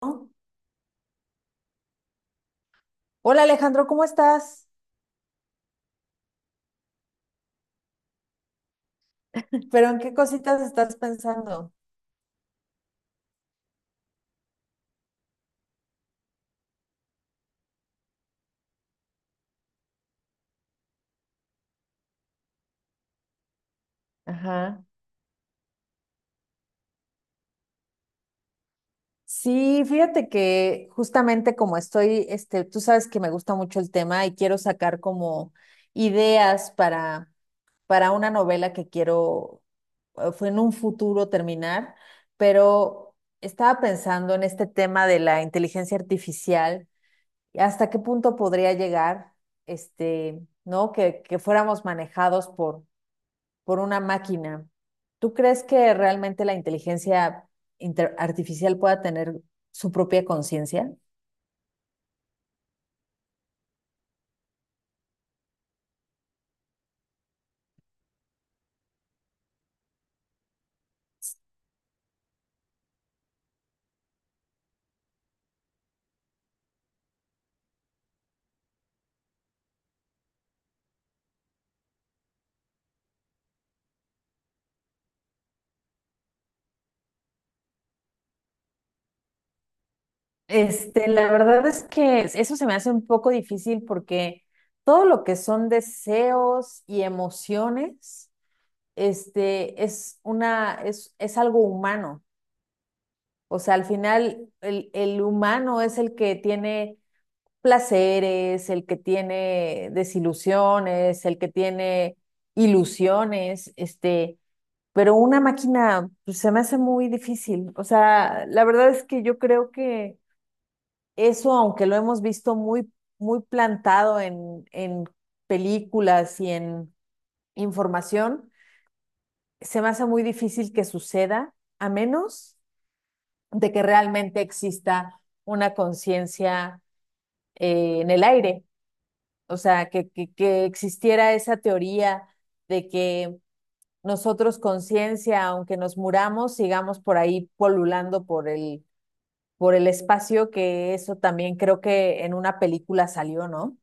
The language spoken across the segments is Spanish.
¿No? Hola Alejandro, ¿cómo estás? ¿Pero en qué cositas estás pensando? Ajá. Sí, fíjate que justamente como estoy, tú sabes que me gusta mucho el tema y quiero sacar como ideas para una novela que quiero fue en un futuro terminar, pero estaba pensando en este tema de la inteligencia artificial y hasta qué punto podría llegar, este, ¿no? Que fuéramos manejados por una máquina. ¿Tú crees que realmente la inteligencia artificial pueda tener su propia conciencia? Este, la verdad es que eso se me hace un poco difícil porque todo lo que son deseos y emociones, este, es una, es algo humano. O sea, al final el humano es el que tiene placeres, el que tiene desilusiones, el que tiene ilusiones, este, pero una máquina pues, se me hace muy difícil. O sea, la verdad es que yo creo que eso, aunque lo hemos visto muy, muy plantado en películas y en información, se me hace muy difícil que suceda, a menos de que realmente exista una conciencia en el aire. O sea, que, que existiera esa teoría de que nosotros conciencia, aunque nos muramos, sigamos por ahí polulando por el espacio, que eso también creo que en una película salió, ¿no?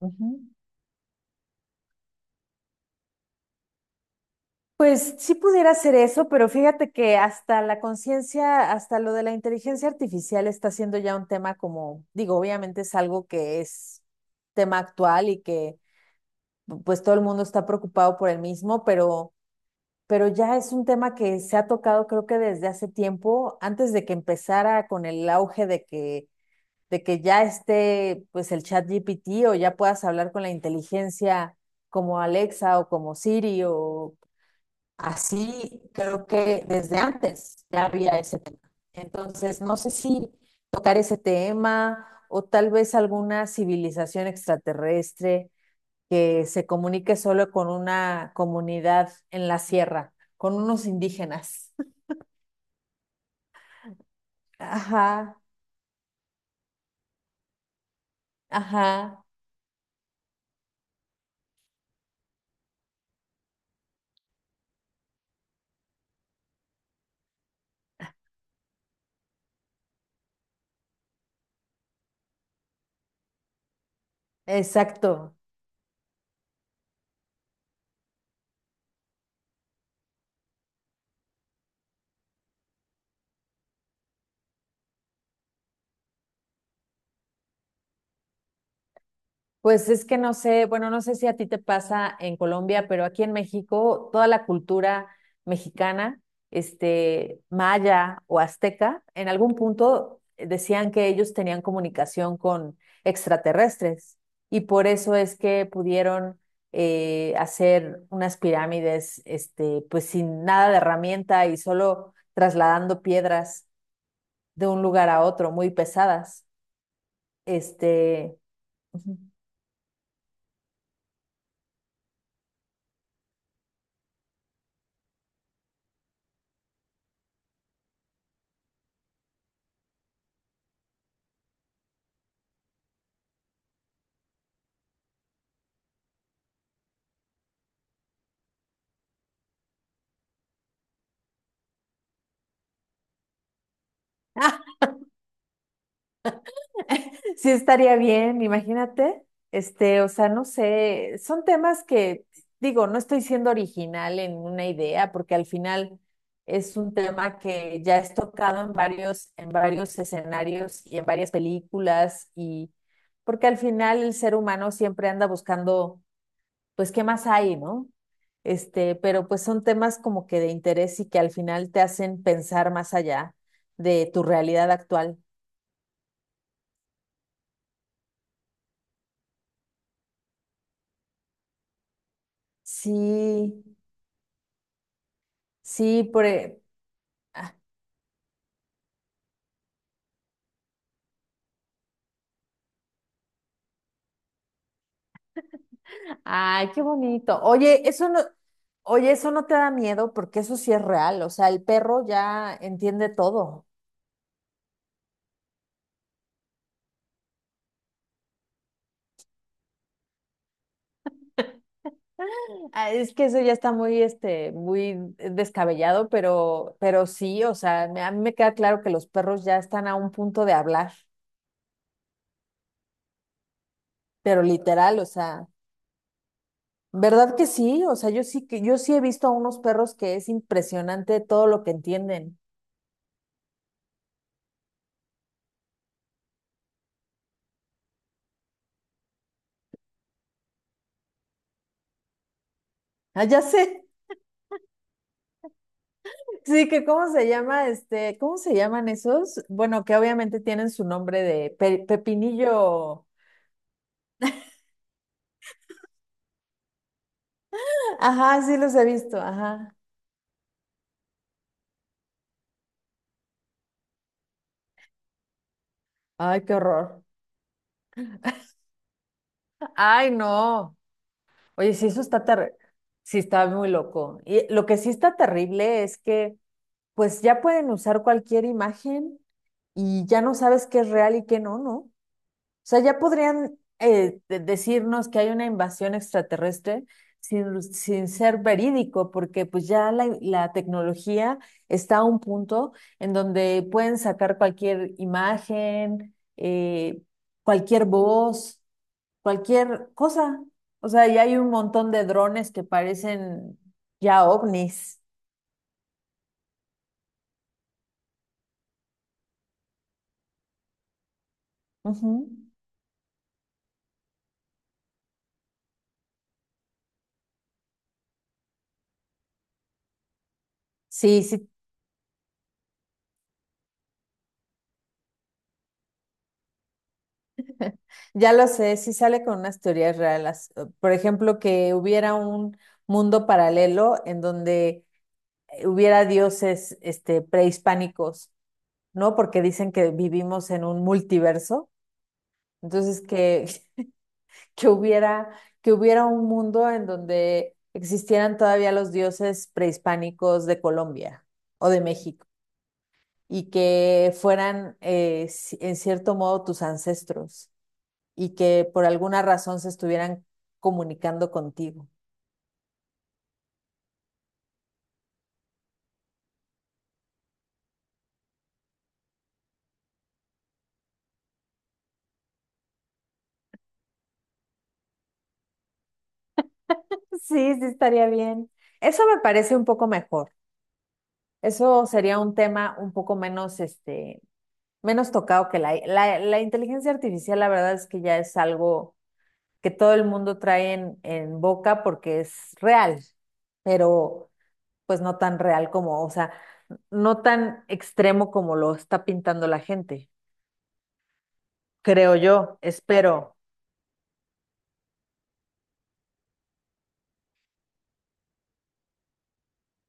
Ujú. Pues sí pudiera ser eso, pero fíjate que hasta la conciencia, hasta lo de la inteligencia artificial está siendo ya un tema como, digo, obviamente es algo que es tema actual y que pues todo el mundo está preocupado por el mismo, pero ya es un tema que se ha tocado creo que desde hace tiempo, antes de que empezara con el auge de que ya esté pues el chat GPT o ya puedas hablar con la inteligencia como Alexa o como Siri o así, creo que desde antes ya había ese tema. Entonces, no sé si tocar ese tema o tal vez alguna civilización extraterrestre que se comunique solo con una comunidad en la sierra, con unos indígenas. Ajá, ajá, exacto. Pues es que no sé, bueno, no sé si a ti te pasa en Colombia, pero aquí en México toda la cultura mexicana, este, maya o azteca, en algún punto decían que ellos tenían comunicación con extraterrestres y por eso es que pudieron hacer unas pirámides, este, pues sin nada de herramienta y solo trasladando piedras de un lugar a otro, muy pesadas. Este, ujú. Sí estaría bien, imagínate. Este, o sea, no sé, son temas que, digo, no estoy siendo original en una idea, porque al final es un tema que ya es tocado en varios escenarios y en varias películas, y porque al final el ser humano siempre anda buscando, pues, ¿qué más hay, no? Este, pero pues son temas como que de interés y que al final te hacen pensar más allá de tu realidad actual. Sí, sí, por... ay, qué bonito. Oye, eso no te da miedo porque eso sí es real. O sea, el perro ya entiende todo. Ah, es que eso ya está muy, este, muy descabellado, pero sí, o sea, a mí me queda claro que los perros ya están a un punto de hablar, pero literal, o sea, ¿verdad que sí? O sea, yo sí que, yo sí he visto a unos perros que es impresionante todo lo que entienden. Ah, ya sé. Sí, que cómo se llama, este, ¿cómo se llaman esos? Bueno, que obviamente tienen su nombre de pepinillo. Ajá, sí los he visto, ajá. Ay, qué horror. Ay, no. Oye, sí, eso está terrible. Sí, está muy loco. Y lo que sí está terrible es que, pues ya pueden usar cualquier imagen y ya no sabes qué es real y qué no, ¿no? Sea, ya podrían decirnos que hay una invasión extraterrestre sin, sin ser verídico, porque pues ya la tecnología está a un punto en donde pueden sacar cualquier imagen, cualquier voz, cualquier cosa. O sea, ya hay un montón de drones que parecen ya ovnis. Ujú. Sí, sí, ya lo sé, sí sale con unas teorías reales. Por ejemplo, que hubiera un mundo paralelo en donde hubiera dioses este, prehispánicos, ¿no? Porque dicen que vivimos en un multiverso. Entonces, que, que hubiera, que hubiera un mundo en donde existieran todavía los dioses prehispánicos de Colombia o de México y que fueran, en cierto modo, tus ancestros. Y que por alguna razón se estuvieran comunicando contigo. Sí, sí estaría bien. Eso me parece un poco mejor. Eso sería un tema un poco menos, este, menos tocado que la inteligencia artificial, la verdad es que ya es algo que todo el mundo trae en boca porque es real, pero pues no tan real como, o sea, no tan extremo como lo está pintando la gente, creo yo, espero.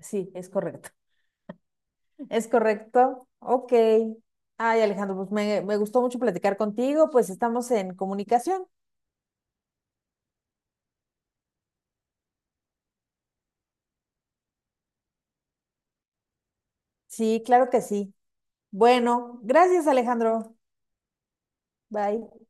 Sí, es correcto. ¿Es correcto? Ok. Ay, Alejandro, pues me gustó mucho platicar contigo, pues estamos en comunicación. Sí, claro que sí. Bueno, gracias, Alejandro. Bye.